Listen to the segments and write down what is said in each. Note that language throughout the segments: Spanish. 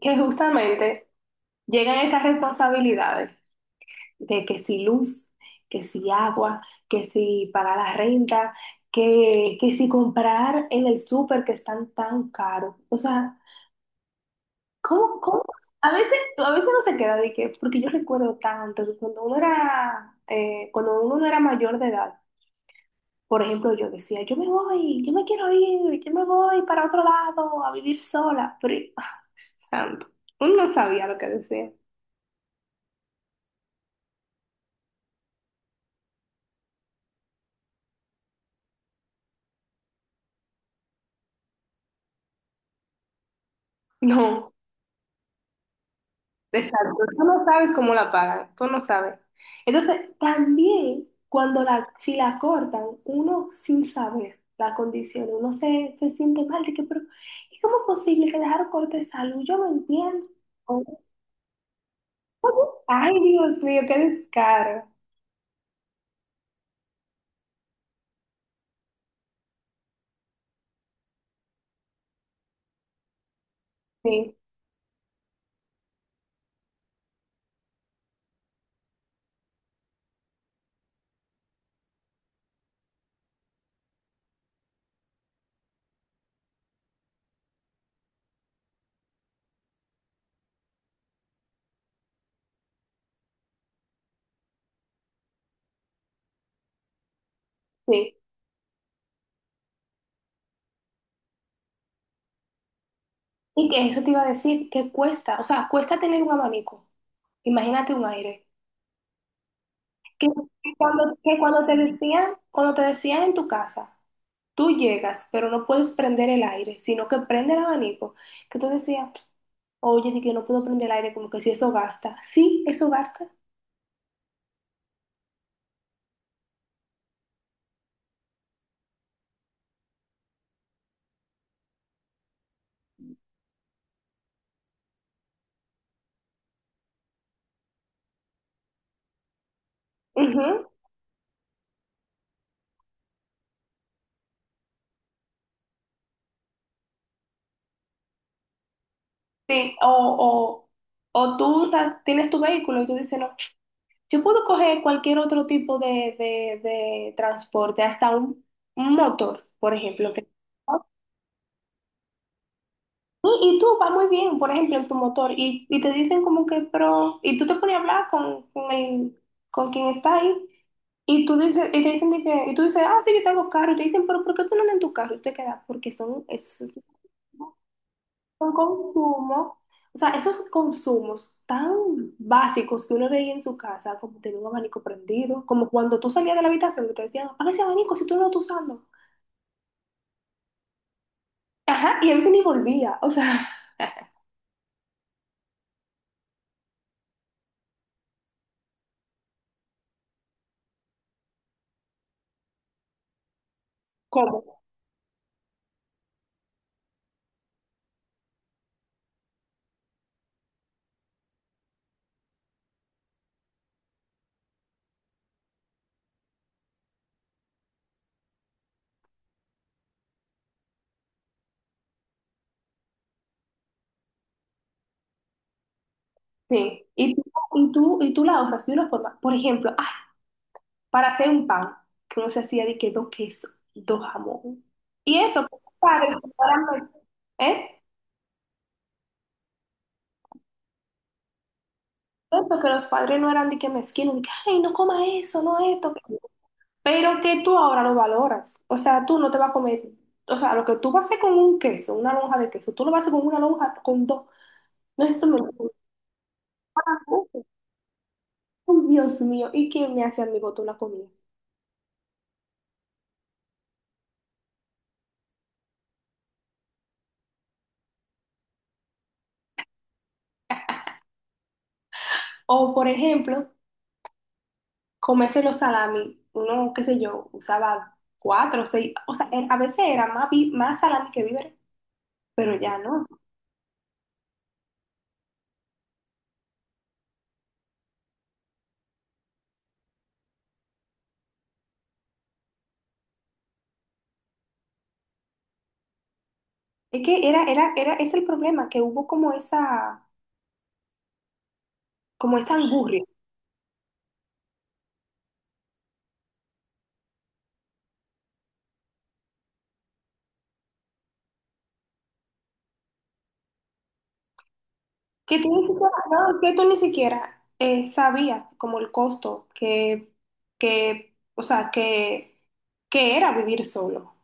Que justamente llegan estas responsabilidades de que si luz, que si agua, que si pagar la renta, que si comprar en el súper que están tan caros. O sea, ¿Cómo? A veces no se queda de que, porque yo recuerdo tanto que cuando uno era, cuando uno no era mayor de edad, por ejemplo, yo decía, yo me voy, yo me quiero ir, yo me voy para otro lado a vivir sola. Pero, ah, santo, uno no sabía lo que decía. No. Exacto, tú no sabes cómo la pagan, tú no sabes. Entonces, también cuando la, si la cortan, uno sin saber la condición, uno se siente mal, de que, pero ¿y cómo es posible que dejaron corte de salud? Yo no entiendo. Ay, Dios mío, qué descaro. Sí, sí. Y que eso te iba a decir, que cuesta, o sea, cuesta tener un abanico, imagínate un aire. Que, que cuando te decían, cuando te decían en tu casa. Tú llegas, pero no puedes prender el aire, sino que prende el abanico. Que tú decías, oye, di que no puedo prender el aire, como que si eso gasta. Sí, eso gasta. Ujú. Sí, o tú tienes tu vehículo y tú dices, no, yo puedo coger cualquier otro tipo de transporte, hasta un motor, por ejemplo. Que- Sí. Y tú vas muy bien, por ejemplo, en tu motor, y te dicen como que, pero, y tú te pones a hablar con quien está ahí. Y tú dices, y te dicen de que, y tú dices, ah, sí, yo tengo carro. Y te dicen, pero ¿por qué tú no andas en tu carro? Y te quedas, porque son, esos son consumos, o sea, esos consumos tan básicos que uno veía en su casa, como tener un abanico prendido, como cuando tú salías de la habitación que te decían, apaga ese abanico si tú no lo estás usando. Ajá, y a veces ni volvía, o sea, ¿cómo? Sí, y tú la ahorras de una forma. Por ejemplo, para hacer un pan, que uno se hacía de que dos quesos, dos jamón. Y eso, que los padres no eran mez- ¿eh? Eso, que los padres no eran de que mezquinos, de que, ay, no coma eso, no esto. Que-". Pero que tú ahora lo valoras. O sea, tú no te vas a comer, o sea, lo que tú vas a hacer con un queso, una lonja de queso, tú lo vas a hacer con una lonja, con dos. No es esto me. Ay, Dios mío, ¿y quién me hace a mi botón la comida? O, por ejemplo, comerse los salami, uno, qué sé yo, usaba cuatro, seis, o sea, era- a veces era más, vi- más salami que víveres, pero ya no. Es que era, es el problema, que hubo como esa angurria, que tú ni siquiera, no, que tú ni siquiera sabías como el costo que, o sea, que era vivir solo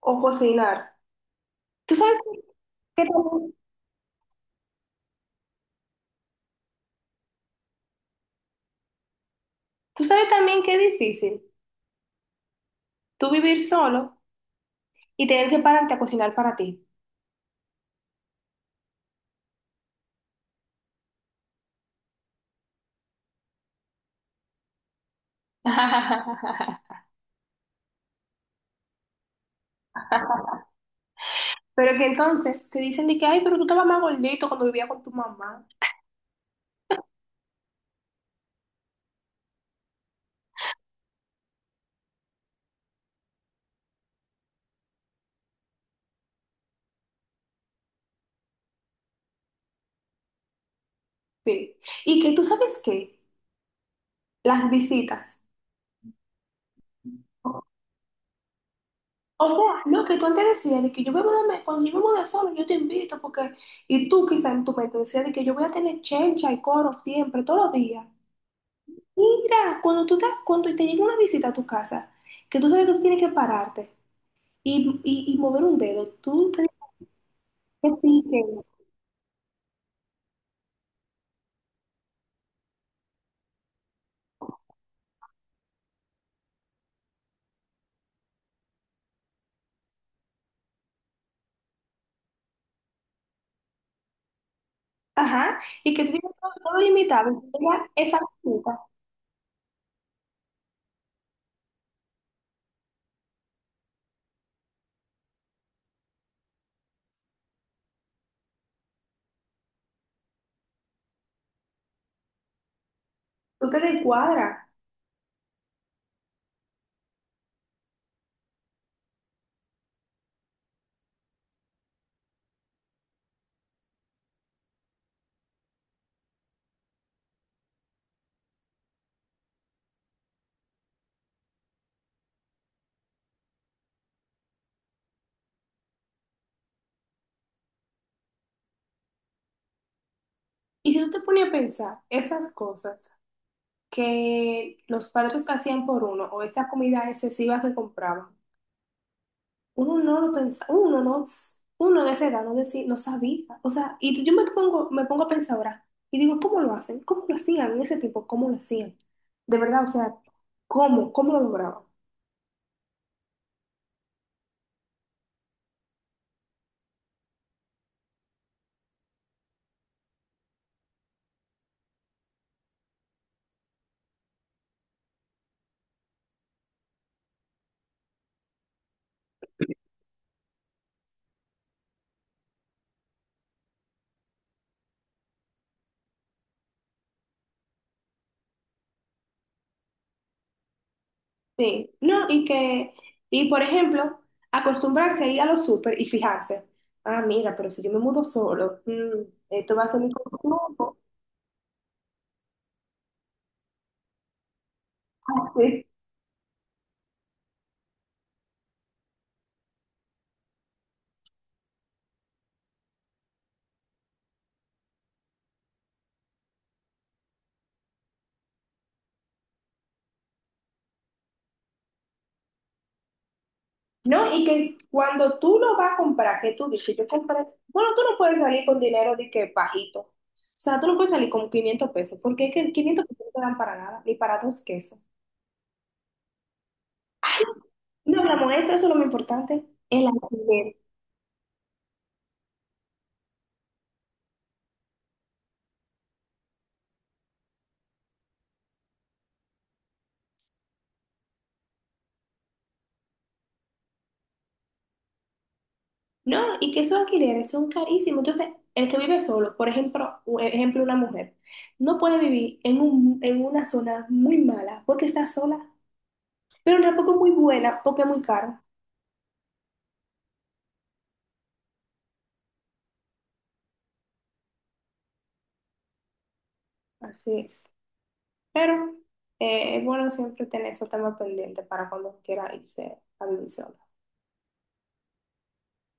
o cocinar. Tú sabes que también- tú sabes también que es difícil tú vivir solo y tener que pararte a cocinar para ti. Pero que entonces se dicen de que, ay, pero tú estabas más gordito cuando vivía con tu mamá. Sí. Y que tú sabes qué, las visitas. O sea, lo que tú antes decías de que yo me voy de, cuando yo me voy de solo, yo te invito porque, y tú quizás en tu mente decías de que yo voy a tener chencha y coro siempre, todos los días. Mira, cuando te llega una visita a tu casa, que tú sabes que tú tienes que pararte y, y mover un dedo, tú te que pique. Ajá, y que tú tienes todo, todo limitado, y tú tengas esas metas, tú te descuadras. Y si tú te pones a pensar esas cosas que los padres hacían por uno o esa comida excesiva que compraban, uno no lo pensaba, uno no, uno de esa edad no, decía, no sabía. O sea, y tú- yo me pongo a pensar ahora y digo, ¿cómo lo hacen? ¿Cómo lo hacían en ese tiempo? ¿Cómo lo hacían? De verdad, o sea, ¿cómo? ¿Cómo lo lograban? Sí, no, y que, y por ejemplo, acostumbrarse a ir a los súper y fijarse, ah, mira, pero si yo me mudo solo, esto va a ser mi consumo. Así. No, y que cuando tú lo vas a comprar, que tú dices, yo compré, bueno, tú no puedes salir con dinero de que bajito, o sea, tú no puedes salir con 500 pesos, porque es que 500 pesos no te dan para nada, ni para dos quesos. No, mi amor, eso es lo más importante, el alquiler. No, y que esos alquileres son carísimos. Entonces, el que vive solo, por ejemplo, u- ejemplo, una mujer, no puede vivir en un, en una zona muy mala porque está sola, pero tampoco muy buena porque es muy caro. Así es. Pero es bueno siempre tener esos temas pendientes para cuando quiera irse a vivir solo.